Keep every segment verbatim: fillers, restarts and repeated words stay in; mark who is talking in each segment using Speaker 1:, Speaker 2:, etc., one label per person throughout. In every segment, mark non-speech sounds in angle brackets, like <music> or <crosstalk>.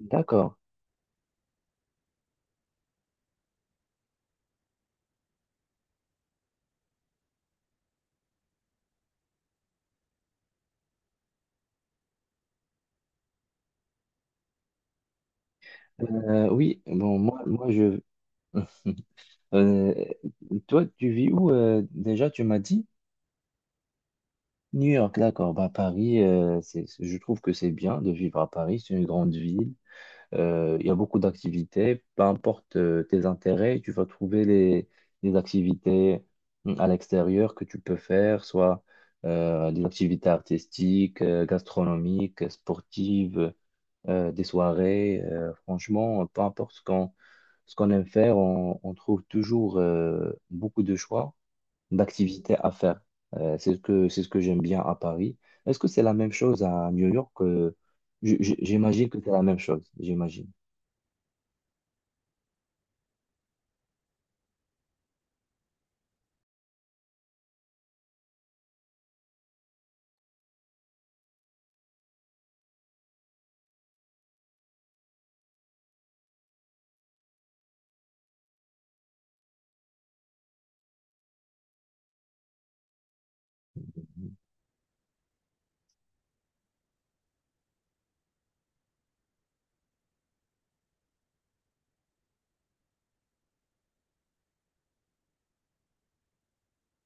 Speaker 1: D'accord. Euh, oui, bon, moi, moi je. Euh, Toi, tu vis où euh, déjà? Tu m'as dit New York, d'accord. Bah, Paris, euh, c'est, c'est- je trouve que c'est bien de vivre à Paris. C'est une grande ville. Euh, Il y a beaucoup d'activités. Peu importe euh, tes intérêts, tu vas trouver les, les activités hum, à l'extérieur que tu peux faire, soit euh, des activités artistiques, euh, gastronomiques, sportives, euh, des soirées. Euh, franchement, peu importe ce qu'on aime faire, on, on trouve toujours euh, beaucoup de choix d'activités à faire. Euh, c'est ce que, c'est ce que j'aime bien à Paris. Est-ce que c'est la même chose à New York? euh, j- j- J'imagine que c'est la même chose, j'imagine.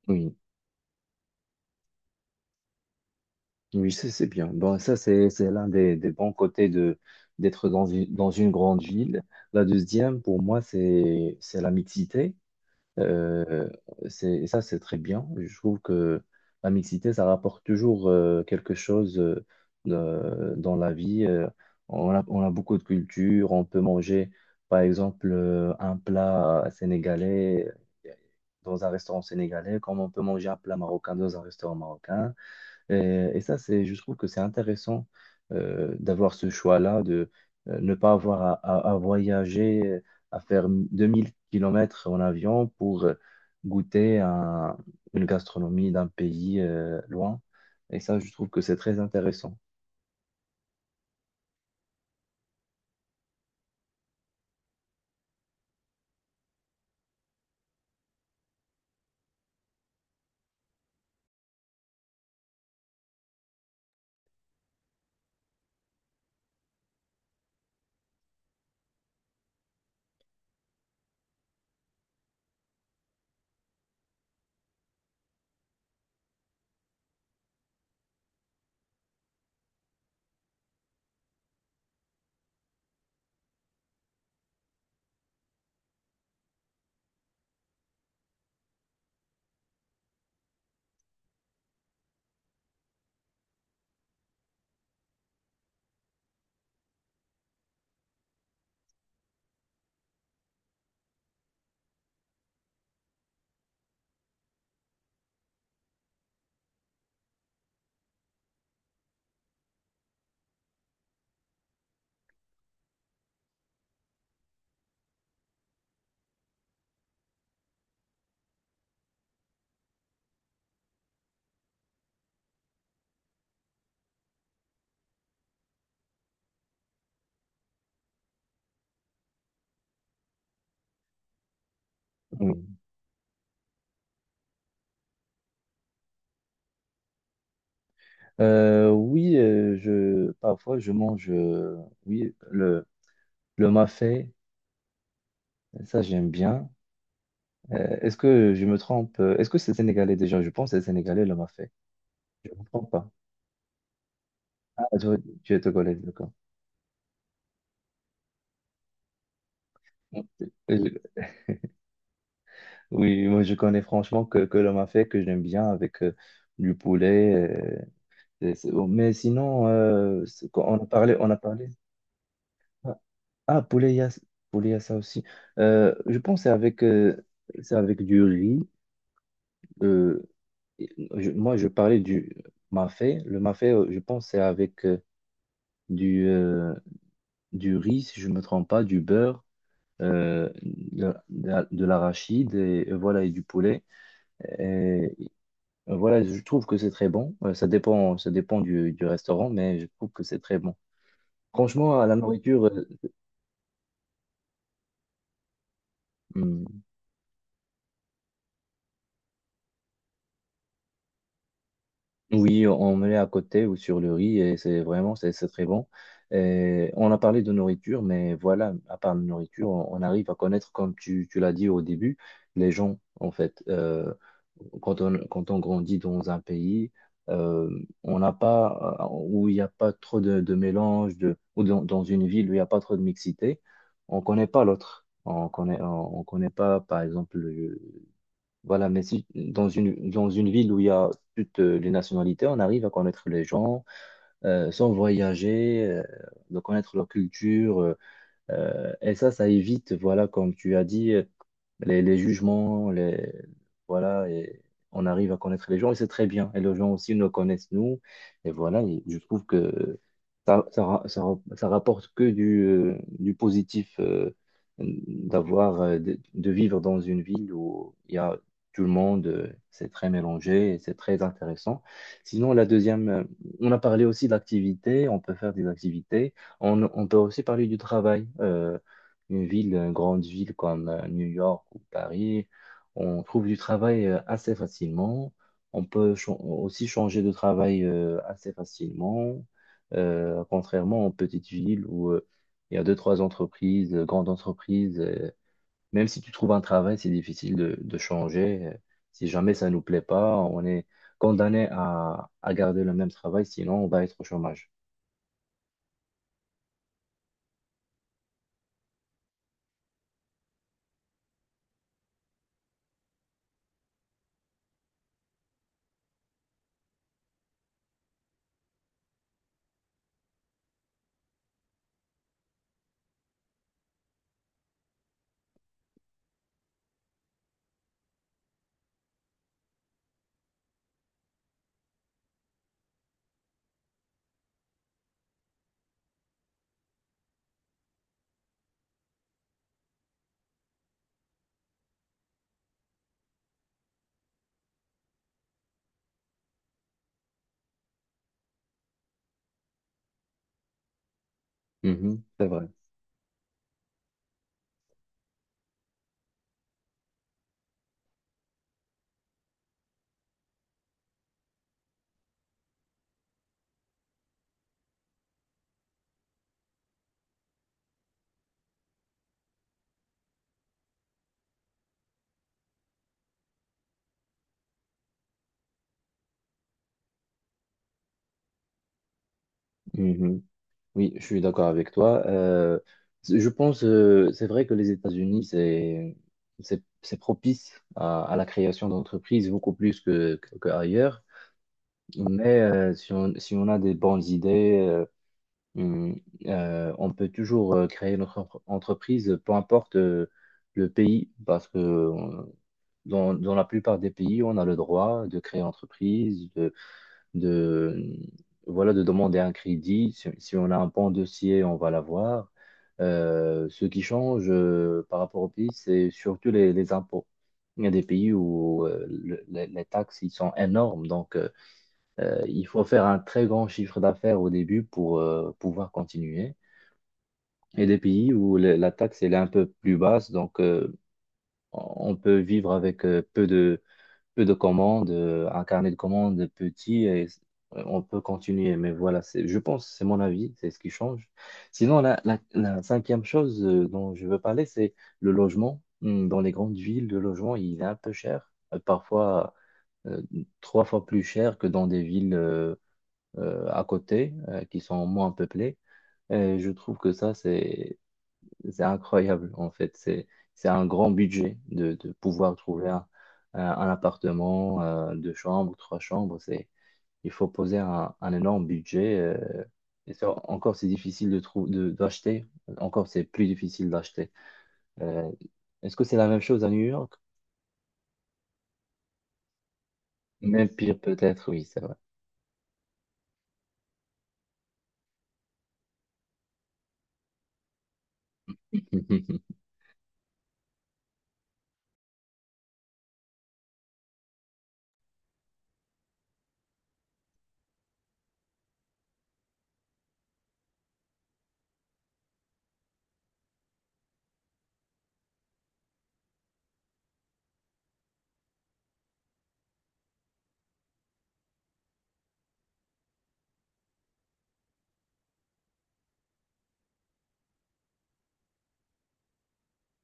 Speaker 1: Oui, oui, c'est c'est bien. Bon, ça, c'est, c'est l'un des, des bons côtés de, d'être dans une, dans une grande ville. La deuxième, pour moi, c'est, c'est la mixité. Euh, c'est, et ça, c'est très bien. Je trouve que la mixité, ça rapporte toujours euh, quelque chose euh, de- dans la vie. Euh, on a, on a beaucoup de cultures. On peut manger, par exemple, euh, un plat sénégalais dans un restaurant sénégalais, comme on peut manger un plat marocain dans un restaurant marocain. Et, et ça, c'est, je trouve que c'est intéressant euh, d'avoir ce choix-là, de euh, ne pas avoir à, à- à voyager, euh, à faire deux mille kilomètres en avion pour euh, goûter à une gastronomie d'un pays euh, loin. Et ça, je trouve que c'est très intéressant. Oui, Euh, oui euh, je, parfois, je mange euh, oui, le, le mafé, ça, j'aime bien. Euh, est-ce que je me trompe? Est-ce que c'est sénégalais déjà? Je pense que c'est sénégalais le mafé. Je ne me trompe pas. Ah, toi, tu es togolaise, d'accord. Euh, Oui, moi je connais franchement que, que le mafé que j'aime bien avec euh, du poulet. Euh, c'est- c'est bon. Mais sinon, euh, c'est- quand on a parlé, on a parlé. Ah, ah, poulet, il y a, poulet, il y a ça aussi. Euh, je pense que c'est avec, euh, c'est avec du riz. euh, je- moi, je parlais du mafé. Le mafé, euh, je pense que c'est avec euh, du, euh, du riz, si je ne me trompe pas, du beurre, euh, de, de- de l'arachide et, et voilà, et du poulet. Et euh, voilà, je trouve que c'est très bon. Euh, Ça dépend, ça dépend du, du restaurant, mais je trouve que c'est très bon. Franchement, à la nourriture, euh, hmm, Oui, on met à côté ou sur le riz et c'est vraiment c'est c'est très bon. Et on a parlé de nourriture, mais voilà, à part la nourriture, on, on arrive à connaître, comme tu, tu l'as dit au début, les gens en fait. Euh, quand on quand on grandit dans un pays, euh, on n'a pas euh, où il n'y a pas trop de, de mélange de ou dans, dans une ville où il n'y a pas trop de mixité, on connaît pas l'autre. On connaît on, on connaît pas par exemple voilà, mais si dans une, dans une ville où il y a toutes euh, les nationalités, on arrive à connaître les gens, euh, sans voyager, euh, de connaître leur culture. euh, euh, et ça, ça évite, voilà, comme tu as dit, euh, les, les jugements, les, voilà, et on arrive à connaître les gens et c'est très bien. Et les gens aussi nous connaissent, nous. Et voilà, et je trouve que ça, ça, ra- ça, ra- ça rapporte que du, euh, du positif, euh, d'avoir, euh, de, de vivre dans une ville où il y a tout le monde, euh, c'est très mélangé et c'est très intéressant. Sinon, la deuxième, euh, on a parlé aussi d'activités, on peut faire des activités. On, on peut aussi parler du travail. Euh, une ville, une grande ville comme euh, New York ou Paris, on trouve du travail euh, assez facilement. On peut cha- aussi changer de travail euh, assez facilement. Euh, contrairement aux petites villes où euh, il y a deux, trois entreprises, euh, grandes entreprises. euh, même si tu trouves un travail, c'est difficile de, de changer. Euh, Si jamais ça ne nous plaît pas, on est condamné à, à garder le même travail, sinon on va être au chômage. Mhm, c'est vrai. Mhm. Oui, je suis d'accord avec toi. Euh, je pense, euh, c'est vrai que les États-Unis, c'est, c'est, c'est propice à, à la création d'entreprises beaucoup plus que, que- qu'ailleurs. Mais euh, si on, si on a des bonnes idées, euh, hum, euh, on peut toujours euh, créer notre entre- entreprise, peu importe euh, le pays, parce que on- dans, dans la plupart des pays, on a le droit de créer une entreprise, de, voilà, de demander un crédit. Si, si on a un bon dossier, on va l'avoir. Euh, ce qui change euh, par rapport au pays, c'est surtout les, les impôts. Il y a des pays où euh, le- les, les taxes ils sont énormes, donc euh, euh, il faut faire un très grand chiffre d'affaires au début pour euh, pouvoir continuer. Et des pays où le- la taxe elle est un peu plus basse, donc euh, on peut vivre avec euh, peu de, peu de commandes, euh, un carnet de commandes petit et s- euh, on peut continuer. Mais voilà, c'est, je pense, c'est mon avis, c'est ce qui change. Sinon, la, la, la cinquième chose euh, dont je veux parler, c'est le logement. Hmm. Dans les grandes villes, le logement, il est un peu cher, euh, parfois euh, trois fois plus cher que dans des villes euh, euh, à côté euh, qui sont moins peuplées. Et je trouve que ça, c'est c'est incroyable en fait. C'est, c'est un grand budget de, de pouvoir trouver un, un- un appartement, euh, deux chambres, trois chambres. C'est, il faut poser un, un énorme budget. euh, et ça, encore, c'est difficile de trou- de, d'acheter. Encore, c'est plus difficile d'acheter. Euh, est-ce que c'est la même chose à New York? Même pire peut-être, oui, c'est vrai. <laughs>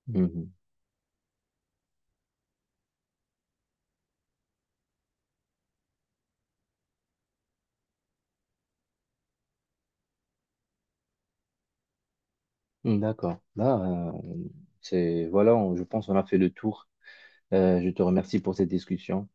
Speaker 1: Mhm. D'accord. Là, euh, c'est voilà, on- je pense qu'on a fait le tour. Euh, je te remercie pour cette discussion.